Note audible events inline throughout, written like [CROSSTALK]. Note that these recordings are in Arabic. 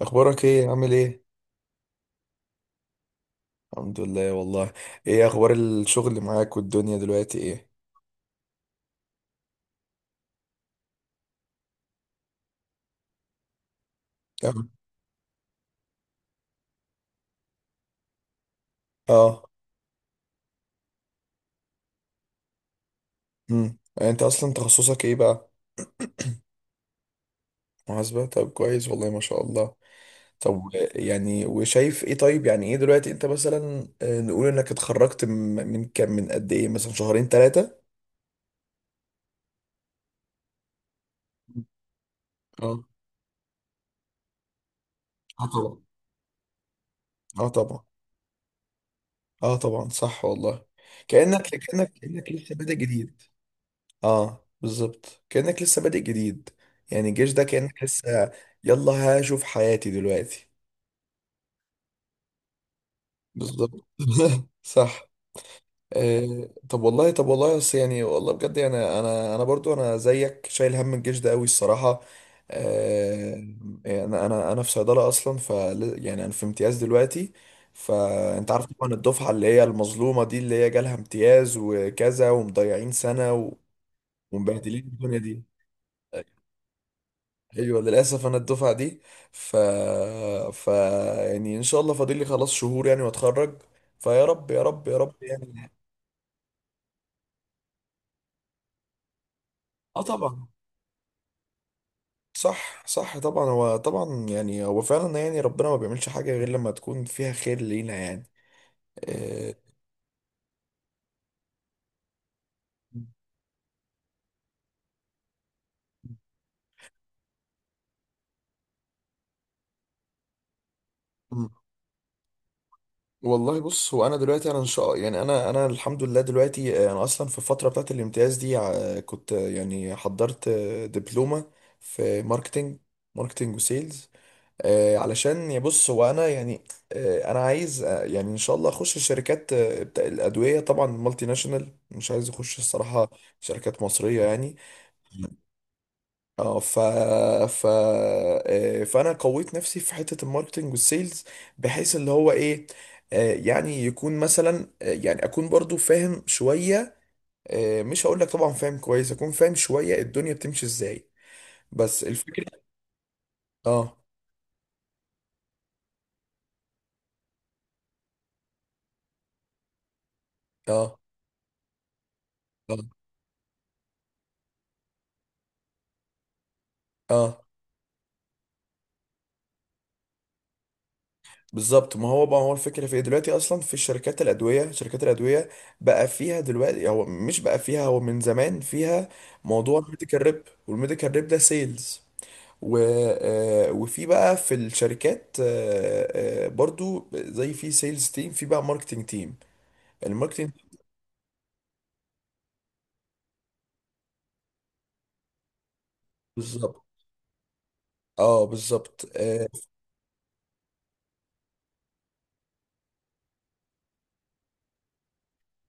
اخبارك ايه؟ عامل ايه؟ الحمد لله والله. ايه اخبار الشغل اللي معاك والدنيا دلوقتي ايه؟ تمام. اه. انت اصلا تخصصك ايه بقى؟ محاسبة، طب كويس والله ما شاء الله. طب يعني وشايف ايه، طيب يعني ايه دلوقتي انت مثلا نقول انك اتخرجت من كام، من قد ايه، مثلا شهرين ثلاثة. اه، اه طبعا، اه طبعا، اه طبعا، صح والله. كأنك لسه بادئ جديد. اه بالظبط، كأنك لسه بادئ جديد. يعني الجيش ده كأنك لسه. يلا هشوف حياتي دلوقتي. بالظبط [LAUGHS] صح. طب والله بس يعني والله بجد يعني انا برضو انا زيك شايل هم الجيش ده قوي، الصراحة. آه. يعني انا في صيدلة اصلا يعني انا في امتياز دلوقتي. فانت عارف طبعا الدفعة اللي هي المظلومة دي، اللي هي جالها امتياز وكذا، ومضيعين سنة ومبهدلين الدنيا دي. ايوه للاسف انا الدفعه دي. ف ف يعني ان شاء الله فاضل لي خلاص شهور يعني واتخرج. فيا رب يا رب يا رب يعني. اه طبعا. صح، صح طبعا، هو طبعا يعني هو فعلا، يعني ربنا ما بيعملش حاجه غير لما تكون فيها خير لينا يعني. آه، مم. والله بص، هو انا دلوقتي انا ان شاء يعني انا انا الحمد لله دلوقتي، انا اصلا في الفتره بتاعت الامتياز دي، كنت يعني حضرت دبلومه في ماركتنج. ماركتنج وسيلز. علشان يا بص هو انا يعني. انا عايز يعني ان شاء الله اخش الشركات بتاع الادويه طبعا، مالتي ناشونال، مش عايز اخش الصراحه. شركات مصريه يعني. اه. ف ف آه، فانا قويت نفسي في حته الماركتنج والسيلز، بحيث اللي هو ايه. يعني يكون مثلا يعني اكون برضو فاهم شويه، مش هقول لك طبعا فاهم كويس، اكون فاهم شويه الدنيا بتمشي ازاي. بس الفكره. اه، اه، اه، اه. بالظبط، ما هو بقى هو الفكرة في ايه دلوقتي اصلا في الشركات الادوية؟ شركات الادوية بقى فيها دلوقتي، هو مش بقى فيها، هو من زمان فيها موضوع الميديكال ريب. والميديكال ريب ده سيلز. و... آه، وفي بقى في الشركات برضو، زي في سيلز تيم، في بقى ماركتنج تيم. الماركتنج. بالظبط. اه بالظبط.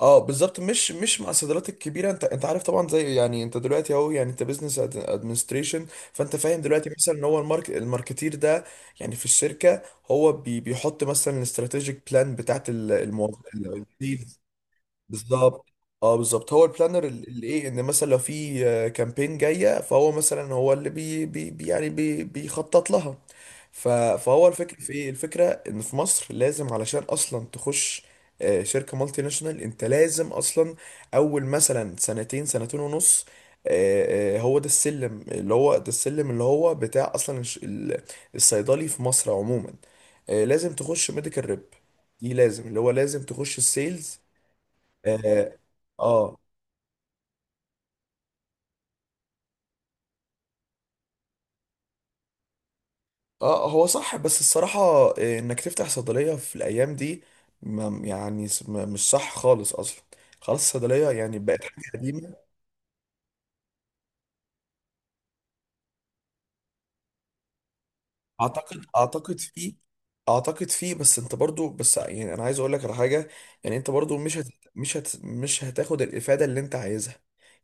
اه بالظبط، مش مع الصيدليات الكبيره، انت عارف طبعا، زي يعني انت دلوقتي اهو، يعني انت بزنس ادمنستريشن. فانت فاهم دلوقتي مثلا ان هو الماركتير ده يعني في الشركه، هو بيحط مثلا الاستراتيجيك بلان بتاعت الموظفين. بالظبط. اه بالظبط، هو البلانر اللي ايه ان مثلا لو في كامبين جايه، فهو مثلا هو اللي بي بي بي- يعني بي بيخطط لها. ف- فهو الفكره في ايه، الفكره ان في مصر لازم علشان اصلا تخش شركه مالتي ناشونال، انت لازم اصلا اول مثلا سنتين، سنتين ونص. هو ده السلم اللي هو ده السلم اللي هو بتاع اصلا الصيدلي في مصر عموما. لازم تخش ميديكال ريب دي، لازم اللي هو لازم تخش السيلز. اه. اه. هو صح بس الصراحة، انك تفتح صيدلية في الايام دي مش صح خالص اصلا. خلاص، الصيدلية يعني بقت حاجة قديمة. اعتقد فيه. اعتقد فيه، بس انت برضو، بس يعني انا عايز اقول لك على حاجه. يعني انت برضو مش هتاخد الافاده اللي انت عايزها.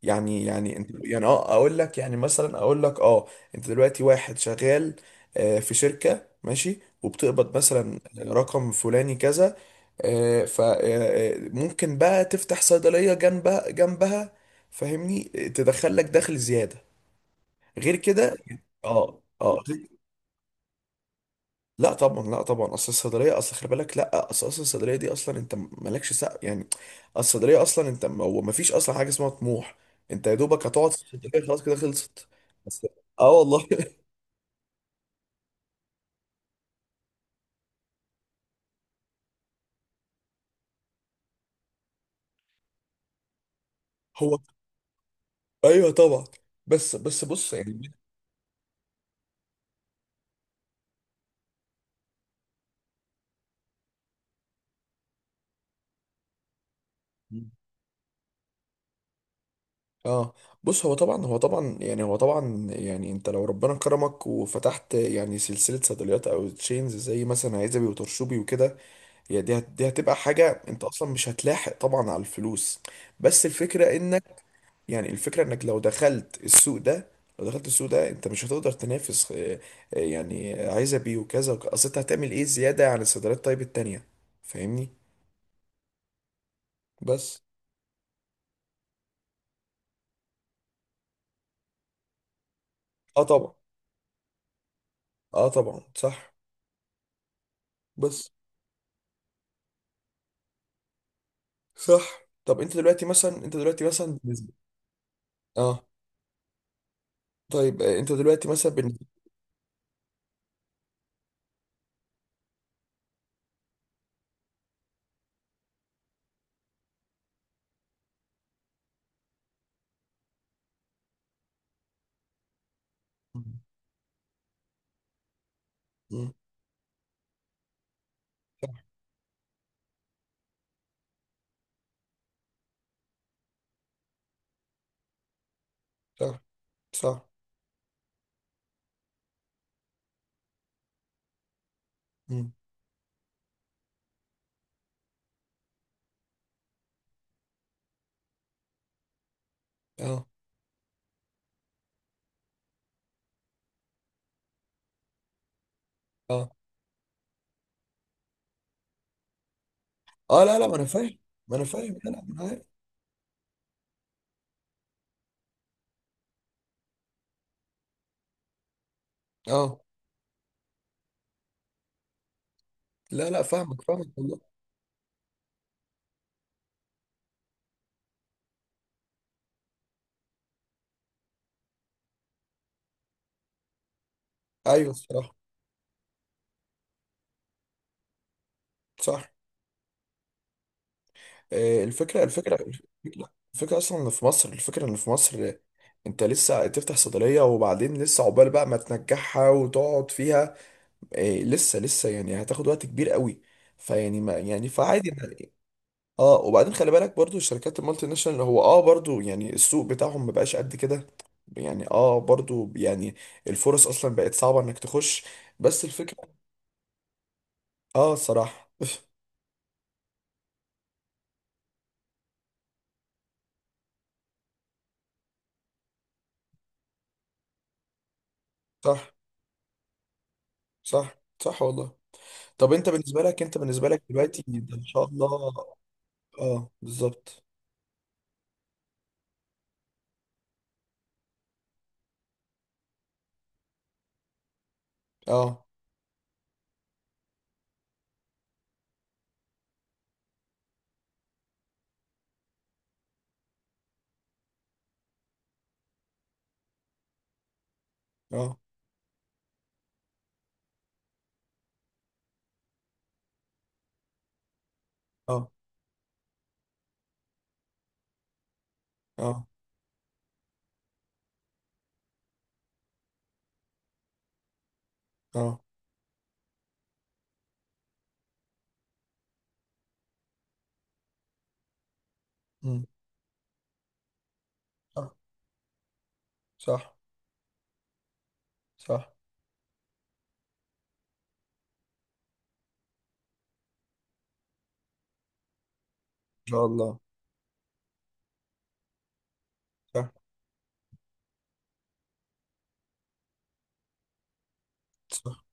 يعني انت يعني، اه، اقول لك يعني مثلا، اقول لك، اه. انت دلوقتي واحد شغال في شركه ماشي، وبتقبض مثلا رقم فلاني كذا، فممكن بقى تفتح صيدليه جنبها جنبها، فاهمني؟ تدخل لك دخل زياده، غير كده. اه، اه. لا طبعا، لا طبعا، اصل الصيدليه، اصل خلي بالك، لا، اصل الصيدليه دي اصلا انت مالكش سقف يعني. الصيدليه اصلا، انت ما هو مفيش اصلا حاجه اسمها طموح. انت يا دوبك هتقعد في الصيدليه، خلاص كده، خلصت. بس. اه والله. [LAUGHS] هو. ايوه طبعا. بس بص يعني. اه بص، هو طبعا، هو طبعا يعني هو طبعا يعني انت لو ربنا كرمك وفتحت يعني سلسله صيدليات، او تشينز، زي مثلا عزبي وطرشوبي وكده، هي دي، دي هتبقى حاجه انت اصلا مش هتلاحق طبعا على الفلوس. بس الفكره انك، يعني الفكرة انك لو دخلت السوق ده، لو دخلت السوق ده انت مش هتقدر تنافس يعني عايزة بيه وكذا اصل انت هتعمل ايه زيادة عن الصيدليات طيب التانية، فاهمني؟ بس. اه طبعا، اه طبعا، صح، بس، صح. طب انت دلوقتي مثلا بالنسبة. اه طيب، انت دلوقتي مثلا [LAUGHS] بالنسبة. مم. مم. صح صح. مم. اه، اه، اه. لا لا، ما انا فاهم. ما انا فاهم، لا لا، ما انا عارف. اه، لا لا، فاهمك فاهمك والله. ايوه الصراحة. صح. آه، الفكرة الفكرة الفكرة أصلا إن في مصر، أنت لسه تفتح صيدلية، وبعدين لسه عقبال بقى ما تنجحها وتقعد فيها، لسه يعني هتاخد وقت كبير قوي، فيعني ما يعني فعادي. اه وبعدين خلي بالك برضو الشركات المالتي ناشونال، هو اه برضو يعني السوق بتاعهم ما بقاش قد كده، يعني اه برضو يعني الفرص اصلا بقت صعبة انك تخش. بس الفكرة. اه صراحة. [LAUGHS] صح. صح صح والله. طب انت بالنسبه لك دلوقتي، ده ان شاء الله. اه بالظبط. اه، اه، اه، اه، اه. مم. صح صح صح. ان شاء الله. صح صح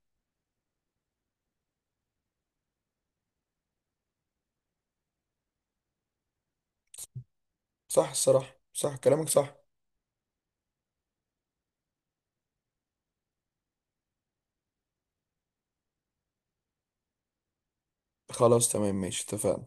صح، الصراحه، صح كلامك صح. خلاص تمام، ماشي، اتفقنا.